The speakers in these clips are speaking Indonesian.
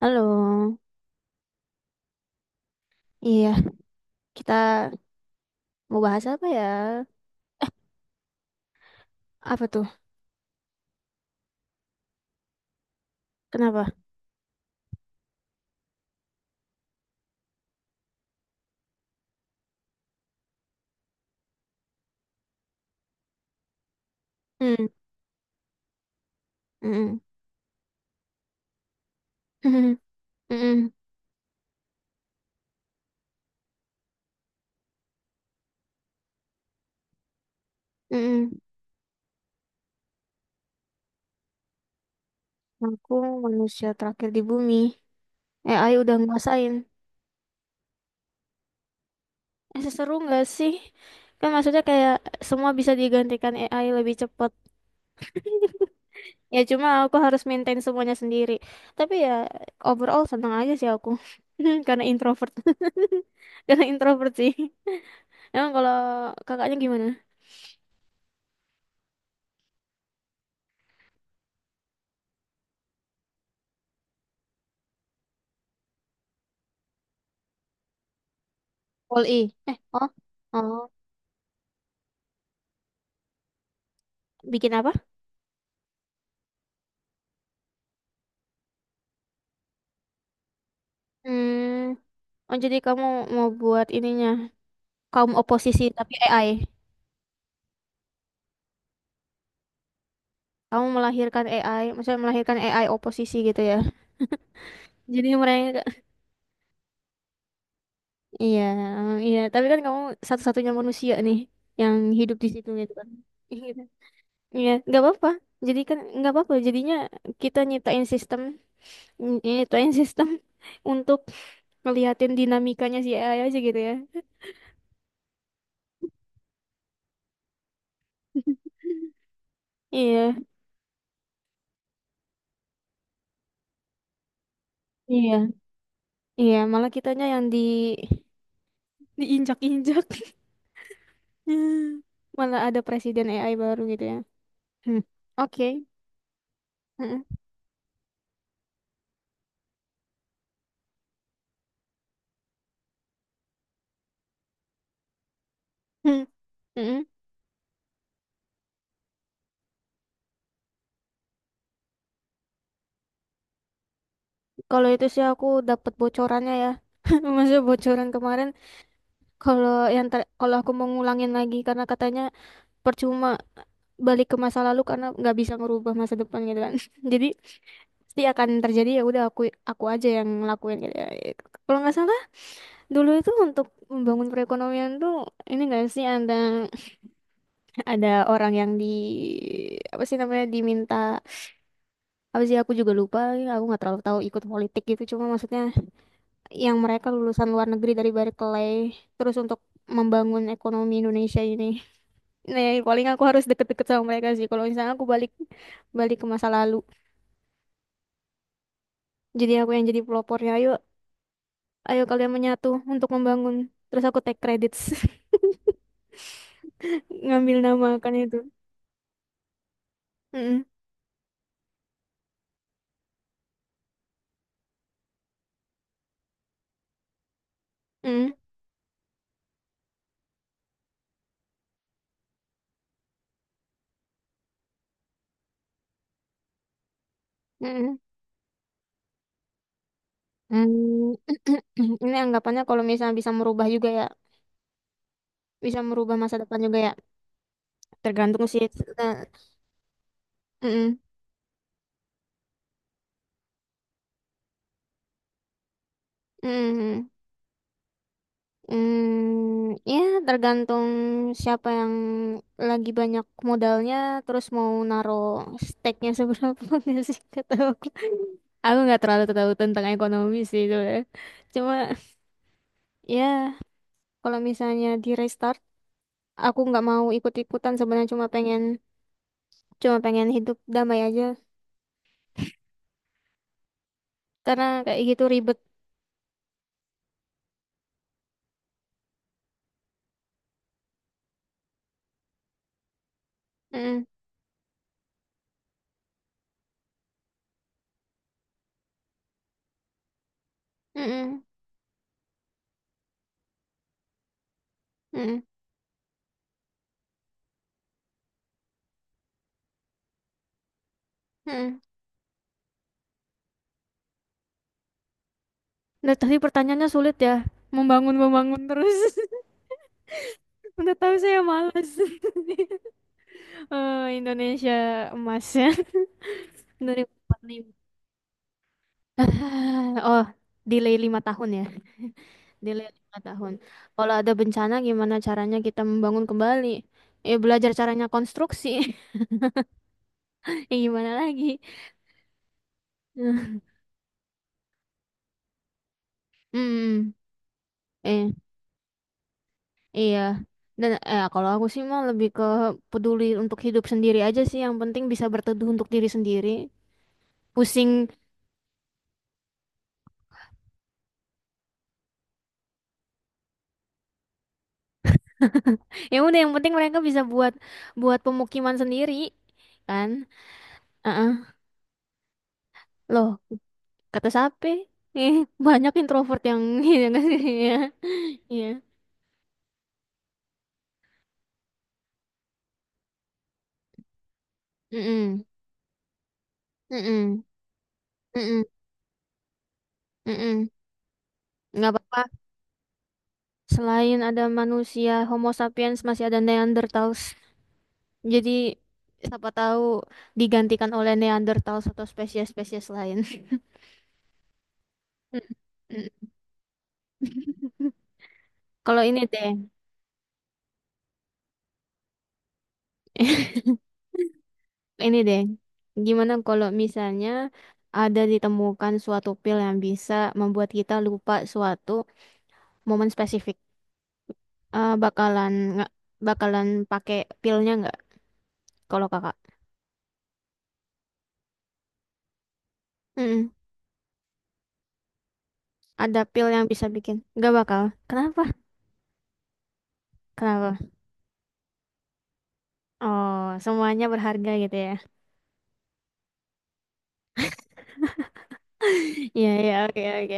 Halo, iya, kita mau bahas apa ya? Apa tuh? Kenapa? Hmm, mm-mm. Mm-mm. Mm-mm. Aku manusia terakhir di bumi. Eh, AI udah ngerasain. Eh, seseru nggak sih? Kan maksudnya kayak semua bisa digantikan AI lebih cepat. Ya cuma aku harus maintain semuanya sendiri. Tapi ya overall seneng aja sih aku. Karena introvert. Karena introvert sih. Emang kalau kakaknya gimana? Poli. Eh, oh. Oh. Bikin apa? Hmm. Oh, jadi kamu mau buat ininya kaum oposisi tapi AI. Kamu melahirkan AI, maksudnya melahirkan AI oposisi gitu ya. Jadi mereka iya, iya, tapi kan kamu satu-satunya manusia nih yang hidup di situ gitu kan. Iya, iya, nggak apa-apa. Jadi kan nggak apa-apa. Jadinya kita nyiptain sistem untuk ngeliatin dinamikanya si AI aja gitu ya. Iya, iya, iya. Malah kitanya yang diinjak-injak. Malah ada presiden AI baru gitu ya. Hmm. Oke. Mm-mm. Hmm. Mm-mm. Kalau itu sih aku dapat bocorannya ya. Maksudnya bocoran kemarin, kalau kalau aku mau ngulangin lagi karena katanya percuma balik ke masa lalu karena nggak bisa ngerubah masa depan gitu kan. Jadi pasti akan terjadi, ya udah aku aja yang ngelakuin gitu ya. Gitu. Kalau nggak salah dulu itu untuk membangun perekonomian tuh, ini nggak sih, ada orang yang di apa sih namanya diminta, apa sih aku juga lupa, aku nggak terlalu tahu ikut politik gitu, cuma maksudnya yang mereka lulusan luar negeri dari Berkeley terus untuk membangun ekonomi Indonesia ini, nah ya, paling aku harus deket-deket sama mereka sih kalau misalnya aku balik balik ke masa lalu, jadi aku yang jadi pelopornya, ayo ayo kalian menyatu untuk membangun, terus aku take credits, ngambil nama kan itu. Mm-mm. Mm-mm. Mm-mm. Mm, ini anggapannya kalau misalnya bisa merubah juga ya, bisa merubah masa depan juga ya, tergantung sih. Eh, mm-mm, mm-mm. Mm, ya tergantung siapa yang lagi banyak modalnya terus mau naro stake-nya seberapa, nggak sih kata aku nggak terlalu tahu tentang ekonomi sih sebenarnya, cuma ya kalau misalnya di restart aku nggak mau ikut-ikutan sebenarnya, cuma pengen hidup damai aja, karena kayak gitu ribet. Mm, mm-mm, mm-mm, mm-mm. Nah, tadi pertanyaannya sulit ya. Membangun-membangun terus. Udah tahu saya malas. Eh, Indonesia emasnya 2045. Oh, delay 5 tahun ya. Delay 5 tahun. Kalau ada bencana gimana caranya kita membangun kembali? Ya belajar caranya konstruksi. Ya gimana lagi? Hmm. Eh. Iya. Dan kalau aku sih mah lebih ke peduli untuk hidup sendiri aja sih. Yang penting bisa berteduh untuk diri sendiri. Pusing. Ya udah yang penting mereka bisa buat buat pemukiman sendiri kan. Heeh. Loh, kata siapa? Eh, banyak introvert yang yang nggak sih ya. Iya. Mm-mm. Mm-mm. Mm-mm. Mm-mm. Nggak apa-apa. Selain ada manusia Homo sapiens masih ada Neanderthals. Jadi siapa tahu digantikan oleh Neanderthal atau spesies-spesies lain. Mm. Kalau ini deh, ini deh, gimana kalau misalnya ada ditemukan suatu pil yang bisa membuat kita lupa suatu momen spesifik? Eh, bakalan nggak, bakalan pakai pilnya nggak? Kalau kakak? Mm-mm. Ada pil yang bisa bikin? Nggak bakal. Kenapa? Kenapa? Oh, semuanya berharga gitu ya? Iya iya, oke oke.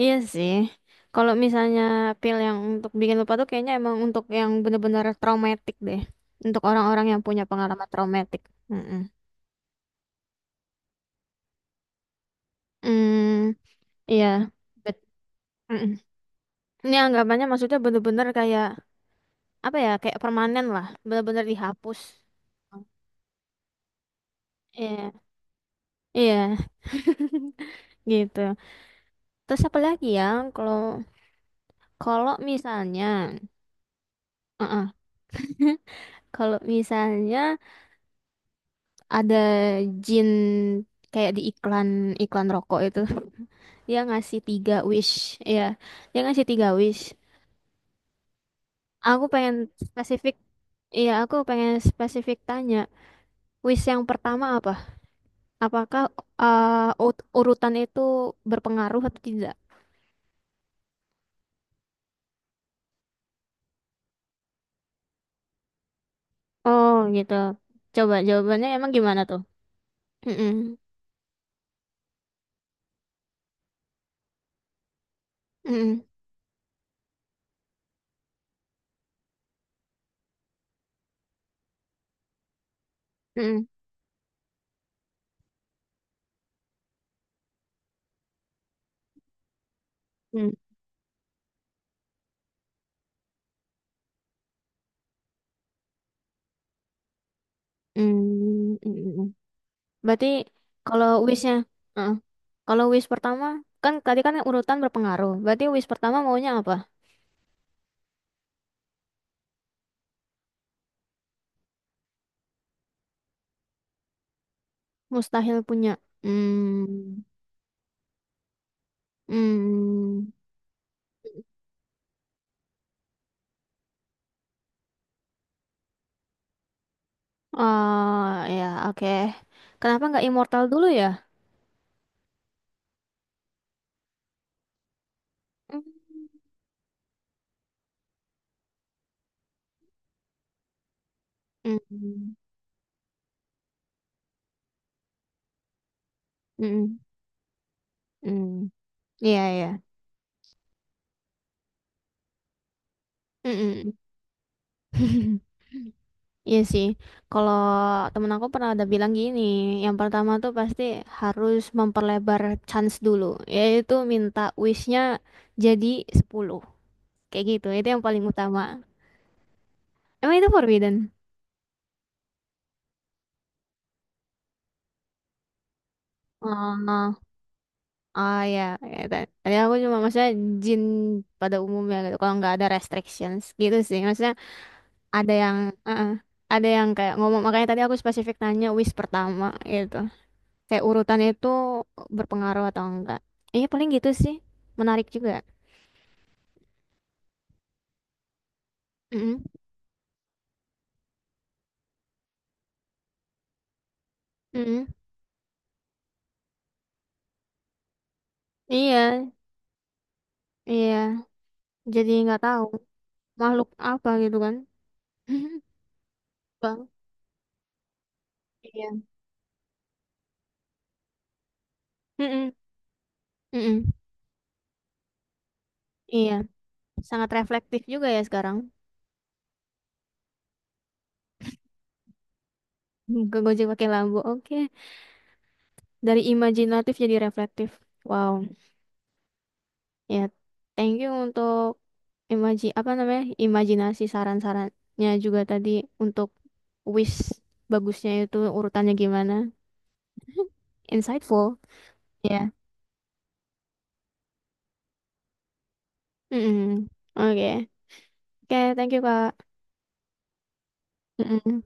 Iya sih. Kalau misalnya pil yang untuk bikin lupa tuh kayaknya emang untuk yang bener-bener traumatik deh. Untuk orang-orang yang punya pengalaman traumatik. Mm-mm. Hmm, iya. Bet- mm-mm. Ini anggapannya maksudnya bener-bener kayak apa ya? Kayak permanen lah, bener-bener dihapus. Iya, iya, gitu. Terus apa lagi ya? Kalau kalau misalnya, uh kalau misalnya ada jin kayak di iklan iklan rokok itu, dia ngasih 3 wish, ya dia ngasih 3 wish, aku pengen spesifik, iya aku pengen spesifik tanya wish yang pertama apakah uh, urutan itu berpengaruh atau tidak. Oh gitu, coba jawabannya emang gimana tuh. Mm-mm. Mm-mm. Mm-mm. Mm-mm. Mm-mm. Berarti kalau wishnya, heeh, kalau wish pertama, kan tadi kan urutan berpengaruh. Berarti wish pertama maunya apa? Mustahil punya. Hmm, hmm. Oh ya oke. Kenapa nggak immortal dulu ya? Hmm, hmm, hmm, hmm. Iya iya. Hmm. Hmm. Iya sih, kalau temen aku pernah ada bilang gini, yang pertama tuh pasti harus memperlebar chance dulu, yaitu minta wishnya jadi 10, kayak gitu, itu yang paling utama. Emang itu forbidden? Oh, oh ya, ya, tadi aku cuma maksudnya jin pada umumnya gitu, kalau nggak ada restrictions gitu sih, maksudnya ada yang, eh, eh, ada yang kayak ngomong, makanya tadi aku spesifik nanya wish pertama gitu. Kayak urutannya itu berpengaruh atau enggak. Iya paling gitu sih. Menarik juga. Mm-mm. Mm-mm. Iya, iya. Jadi nggak tahu makhluk apa gitu kan. Bang. Iya. Mm-mm. Mm-mm. Iya. Sangat reflektif juga ya sekarang. Hmm, ke Gojek pakai lampu. Oke. Dari imajinatif jadi reflektif. Wow. Ya. Thank you untuk imaji apa namanya? Imajinasi saran-sarannya juga tadi untuk wish bagusnya itu urutannya gimana. Insightful. Ya. Mm-mm. Oke. Oke, thank you, Kak. Mm-mm.